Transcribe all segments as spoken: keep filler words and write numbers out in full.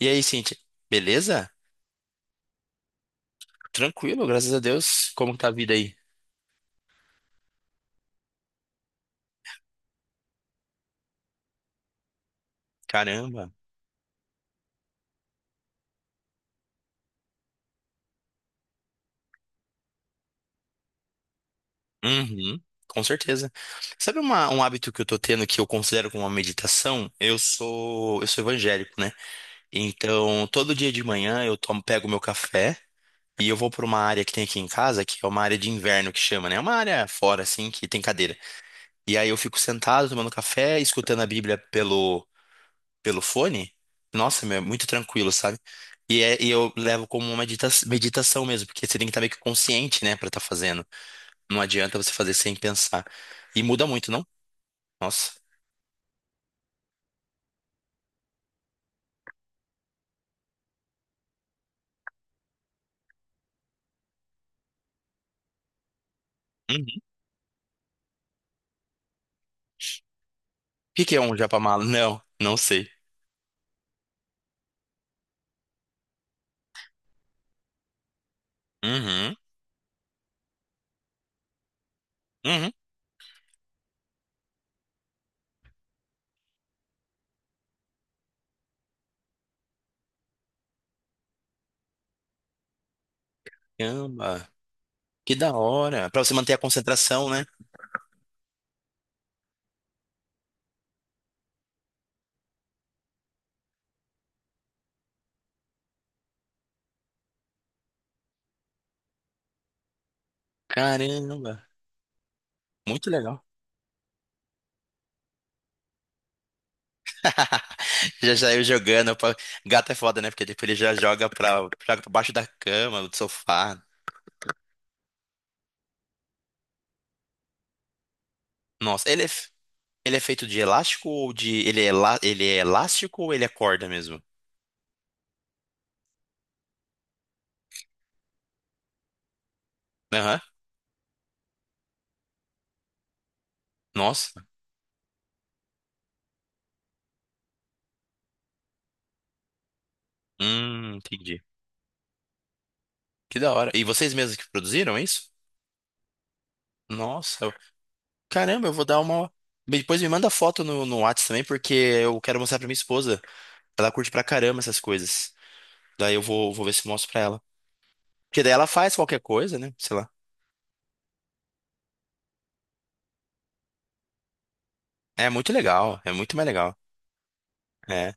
E aí, Cintia? Beleza? Tranquilo, graças a Deus. Como que tá a vida aí? Caramba. Uhum, com certeza. Sabe uma- um hábito que eu tô tendo que eu considero como uma meditação? Eu sou, eu sou evangélico, né? Então, todo dia de manhã eu tomo, pego meu café e eu vou pra uma área que tem aqui em casa, que é uma área de inverno que chama, né? É uma área fora, assim, que tem cadeira. E aí eu fico sentado tomando café, escutando a Bíblia pelo pelo fone. Nossa, meu, é muito tranquilo, sabe? E, é, e eu levo como uma medita meditação mesmo, porque você tem que estar meio que consciente, né, pra estar fazendo. Não adianta você fazer sem pensar. E muda muito, não? Nossa. Uhum. O que que é um japa? Não, não sei. Uhum, uhum. Caramba, que da hora. Pra você manter a concentração, né? Caramba, muito legal. Já saiu jogando. Pra... Gato é foda, né? Porque depois ele já joga pra, joga pra baixo da cama, do sofá. Nossa, ele é. Ele é feito de elástico ou de... Ele é, elá- ele é elástico ou ele é corda mesmo? Aham. Nossa. Hum, entendi. Que da hora. E vocês mesmos que produziram é isso? Nossa. eu- Caramba, eu vou dar uma... Depois me manda foto no, no Whats também, porque eu quero mostrar pra minha esposa. Ela curte pra caramba essas coisas. Daí eu vou, vou ver se mostro pra ela. Porque daí ela faz qualquer coisa, né? Sei lá. É muito legal. É muito mais legal. É.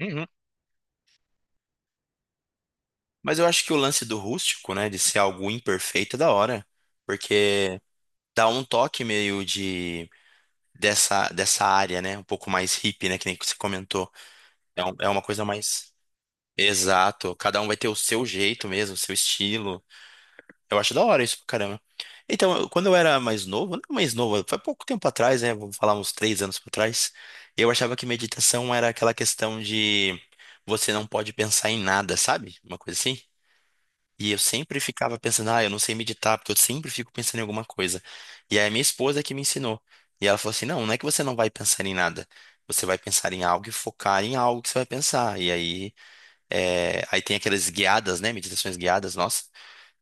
Uhum. Mas eu acho que o lance do rústico, né? De ser algo imperfeito é da hora. Porque... dá um toque meio de dessa dessa área, né? Um pouco mais hippie, né? Que nem que você comentou. É, um- é uma coisa mais... exato. Cada um vai ter o seu jeito mesmo, o seu estilo. Eu acho da hora isso pra caramba. Então, eu- quando eu era mais novo, não mais novo, foi pouco tempo atrás, né? Vou falar uns três anos pra trás. Eu achava que meditação era aquela questão de você não pode pensar em nada, sabe? Uma coisa assim. E eu sempre ficava pensando, ah, eu não sei meditar, porque eu sempre fico pensando em alguma coisa. E aí a minha esposa que me ensinou. E ela falou assim, não, não é que você não vai pensar em nada. Você vai pensar em algo e focar em algo que você vai pensar. E aí, é, aí tem aquelas guiadas, né? Meditações guiadas, nossa.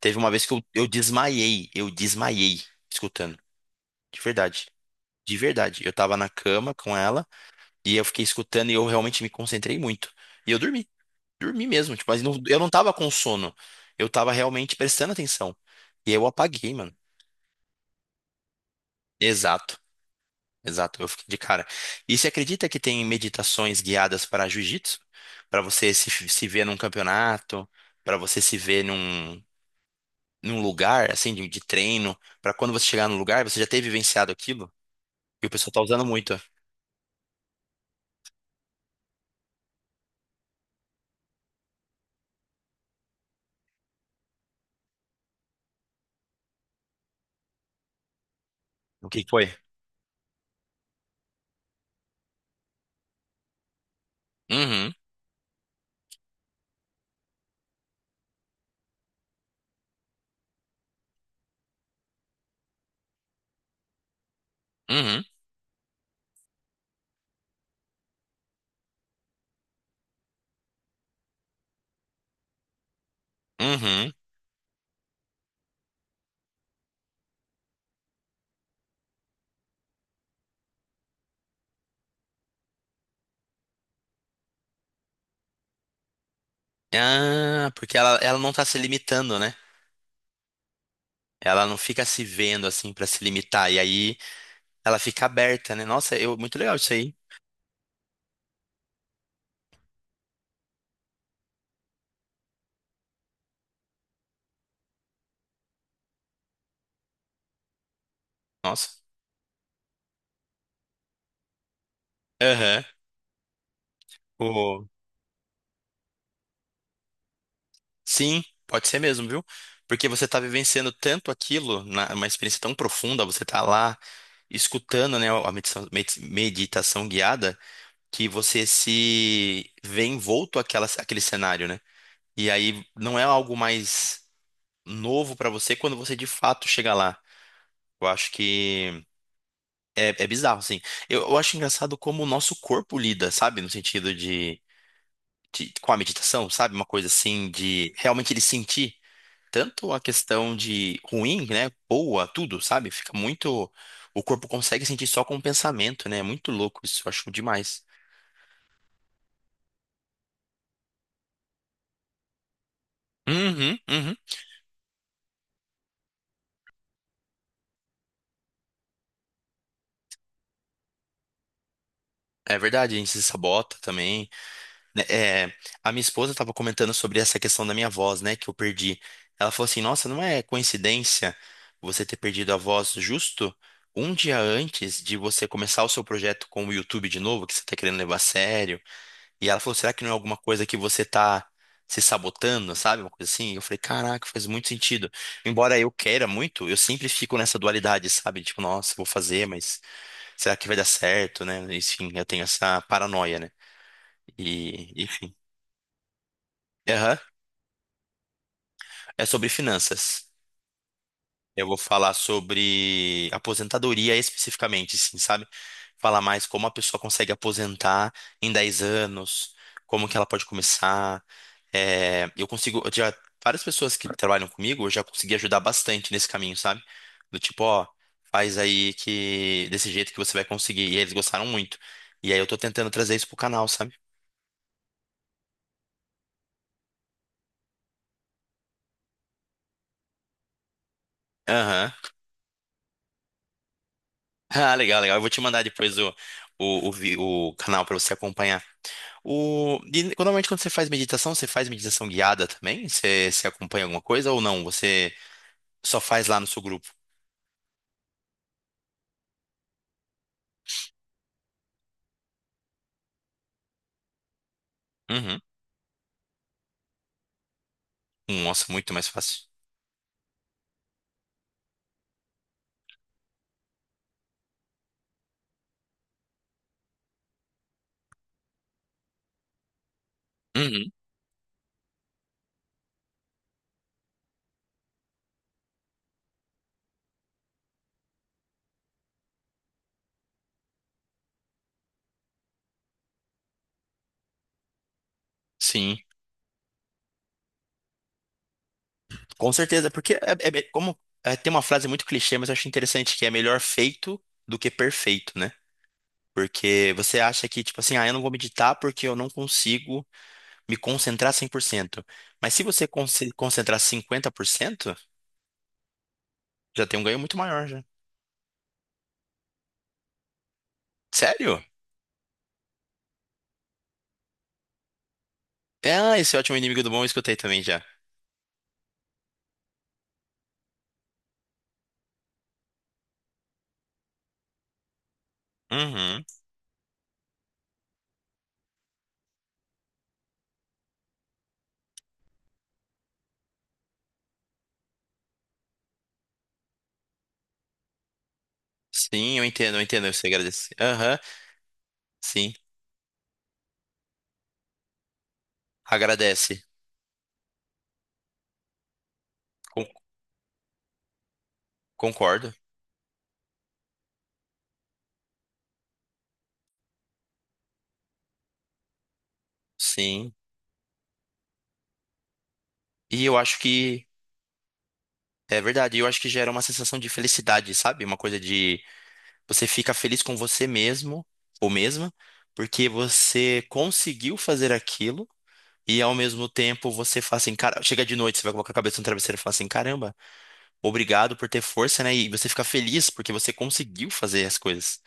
Teve uma vez que eu, eu desmaiei, eu desmaiei escutando. De verdade. De verdade. Eu tava na cama com ela e eu fiquei escutando e eu realmente me concentrei muito. E eu dormi dormi mesmo, tipo, mas não- eu não tava com sono. Eu tava realmente prestando atenção. E aí eu apaguei, mano. Exato, exato. Eu fiquei de cara. E você acredita que tem meditações guiadas para jiu-jitsu? Para você se, se ver num campeonato, para você se ver num, num lugar, assim, de, de treino, para quando você chegar no lugar, você já ter vivenciado aquilo? E o pessoal tá usando muito. O que que foi? Uhum, uhum, uhum. Ah, porque ela, ela não tá se limitando, né? Ela não fica se vendo assim pra se limitar. E aí ela fica aberta, né? Nossa, eu, muito legal isso aí. Nossa. Aham. O- Sim, pode ser mesmo, viu? Porque você tá vivenciando tanto aquilo, na- uma experiência tão profunda. Você tá lá escutando, né, a meditação, med- meditação guiada, que você se vê envolto àquela, àquele cenário, né? E aí não é algo mais novo pra você quando você de fato chega lá. Eu acho que é, é bizarro, assim. Eu, eu acho engraçado como o nosso corpo lida, sabe? No sentido de de- com a meditação, sabe? Uma coisa assim de realmente ele sentir tanto a questão de ruim, né? Boa, tudo, sabe? Fica muito. O corpo consegue sentir só com o pensamento, né? É muito louco isso, eu acho demais. Uhum, uhum. É verdade, a gente se sabota também, né? É, a minha esposa estava comentando sobre essa questão da minha voz, né? Que eu perdi. Ela falou assim: nossa, não é coincidência você ter perdido a voz justo um dia antes de você começar o seu projeto com o YouTube de novo, que você está querendo levar a sério. E ela falou, será que não é alguma coisa que você tá se sabotando, sabe? Uma coisa assim. E eu falei, caraca, faz muito sentido. Embora eu queira muito, eu sempre fico nessa dualidade, sabe? Tipo, nossa, vou fazer, mas será que vai dar certo, né? Enfim, eu tenho essa paranoia, né? E, e- Aham, é sobre finanças. Eu vou falar sobre aposentadoria especificamente, sim, sabe? Falar mais como a pessoa consegue aposentar em dez anos, como que ela pode começar. É, eu consigo, eu já, várias pessoas que trabalham comigo, eu já consegui ajudar bastante nesse caminho, sabe? Do tipo, ó, faz aí que desse jeito que você vai conseguir. E eles gostaram muito. E aí eu tô tentando trazer isso pro canal, sabe? Aham. Ah, legal, legal. Eu vou te mandar depois o, o, o, vi- o canal pra você acompanhar. O... E normalmente quando você faz meditação, você faz meditação guiada também? Você, você acompanha alguma coisa ou não? Você só faz lá no seu grupo? Uhum. Nossa, muito mais fácil. Uhum. Sim, com certeza, porque é, é me- como é, tem uma frase muito clichê, mas eu acho interessante que é melhor feito do que perfeito, né? Porque você acha que, tipo assim, ah, eu não vou meditar porque eu não consigo me concentrar cem por cento. Mas se você conse- concentrar cinquenta por cento, já tem um ganho muito maior, já. Sério? Ah, esse é ótimo inimigo do bom, eu escutei também já. Uhum. Sim, eu entendo, eu entendo. Você agradece. Aham, sim. Agradece. Con- Concordo. Sim. E eu acho que é verdade, eu acho que gera uma sensação de felicidade, sabe? Uma coisa de você fica feliz com você mesmo ou mesma, porque você conseguiu fazer aquilo e ao mesmo tempo você fala assim, cara, chega de noite, você vai colocar a cabeça no travesseiro e fala assim, caramba, obrigado por ter força, né? E você fica feliz porque você conseguiu fazer as coisas.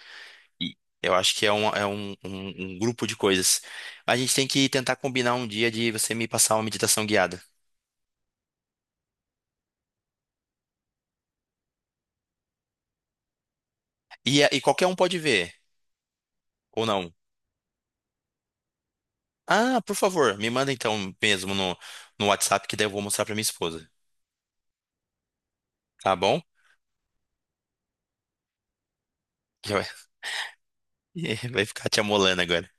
E eu acho que é, um, é um, um, um grupo de coisas. A gente tem que tentar combinar um dia de você me passar uma meditação guiada. E, é, e qualquer um pode ver, ou não. Ah, por favor, me manda então mesmo no, no WhatsApp, que daí eu vou mostrar pra minha esposa. Tá bom? Já. Vai vai ficar te amolando agora.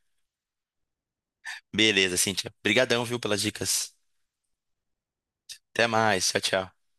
Beleza, Cíntia. Obrigadão, viu, pelas dicas. Até mais. Tchau, tchau.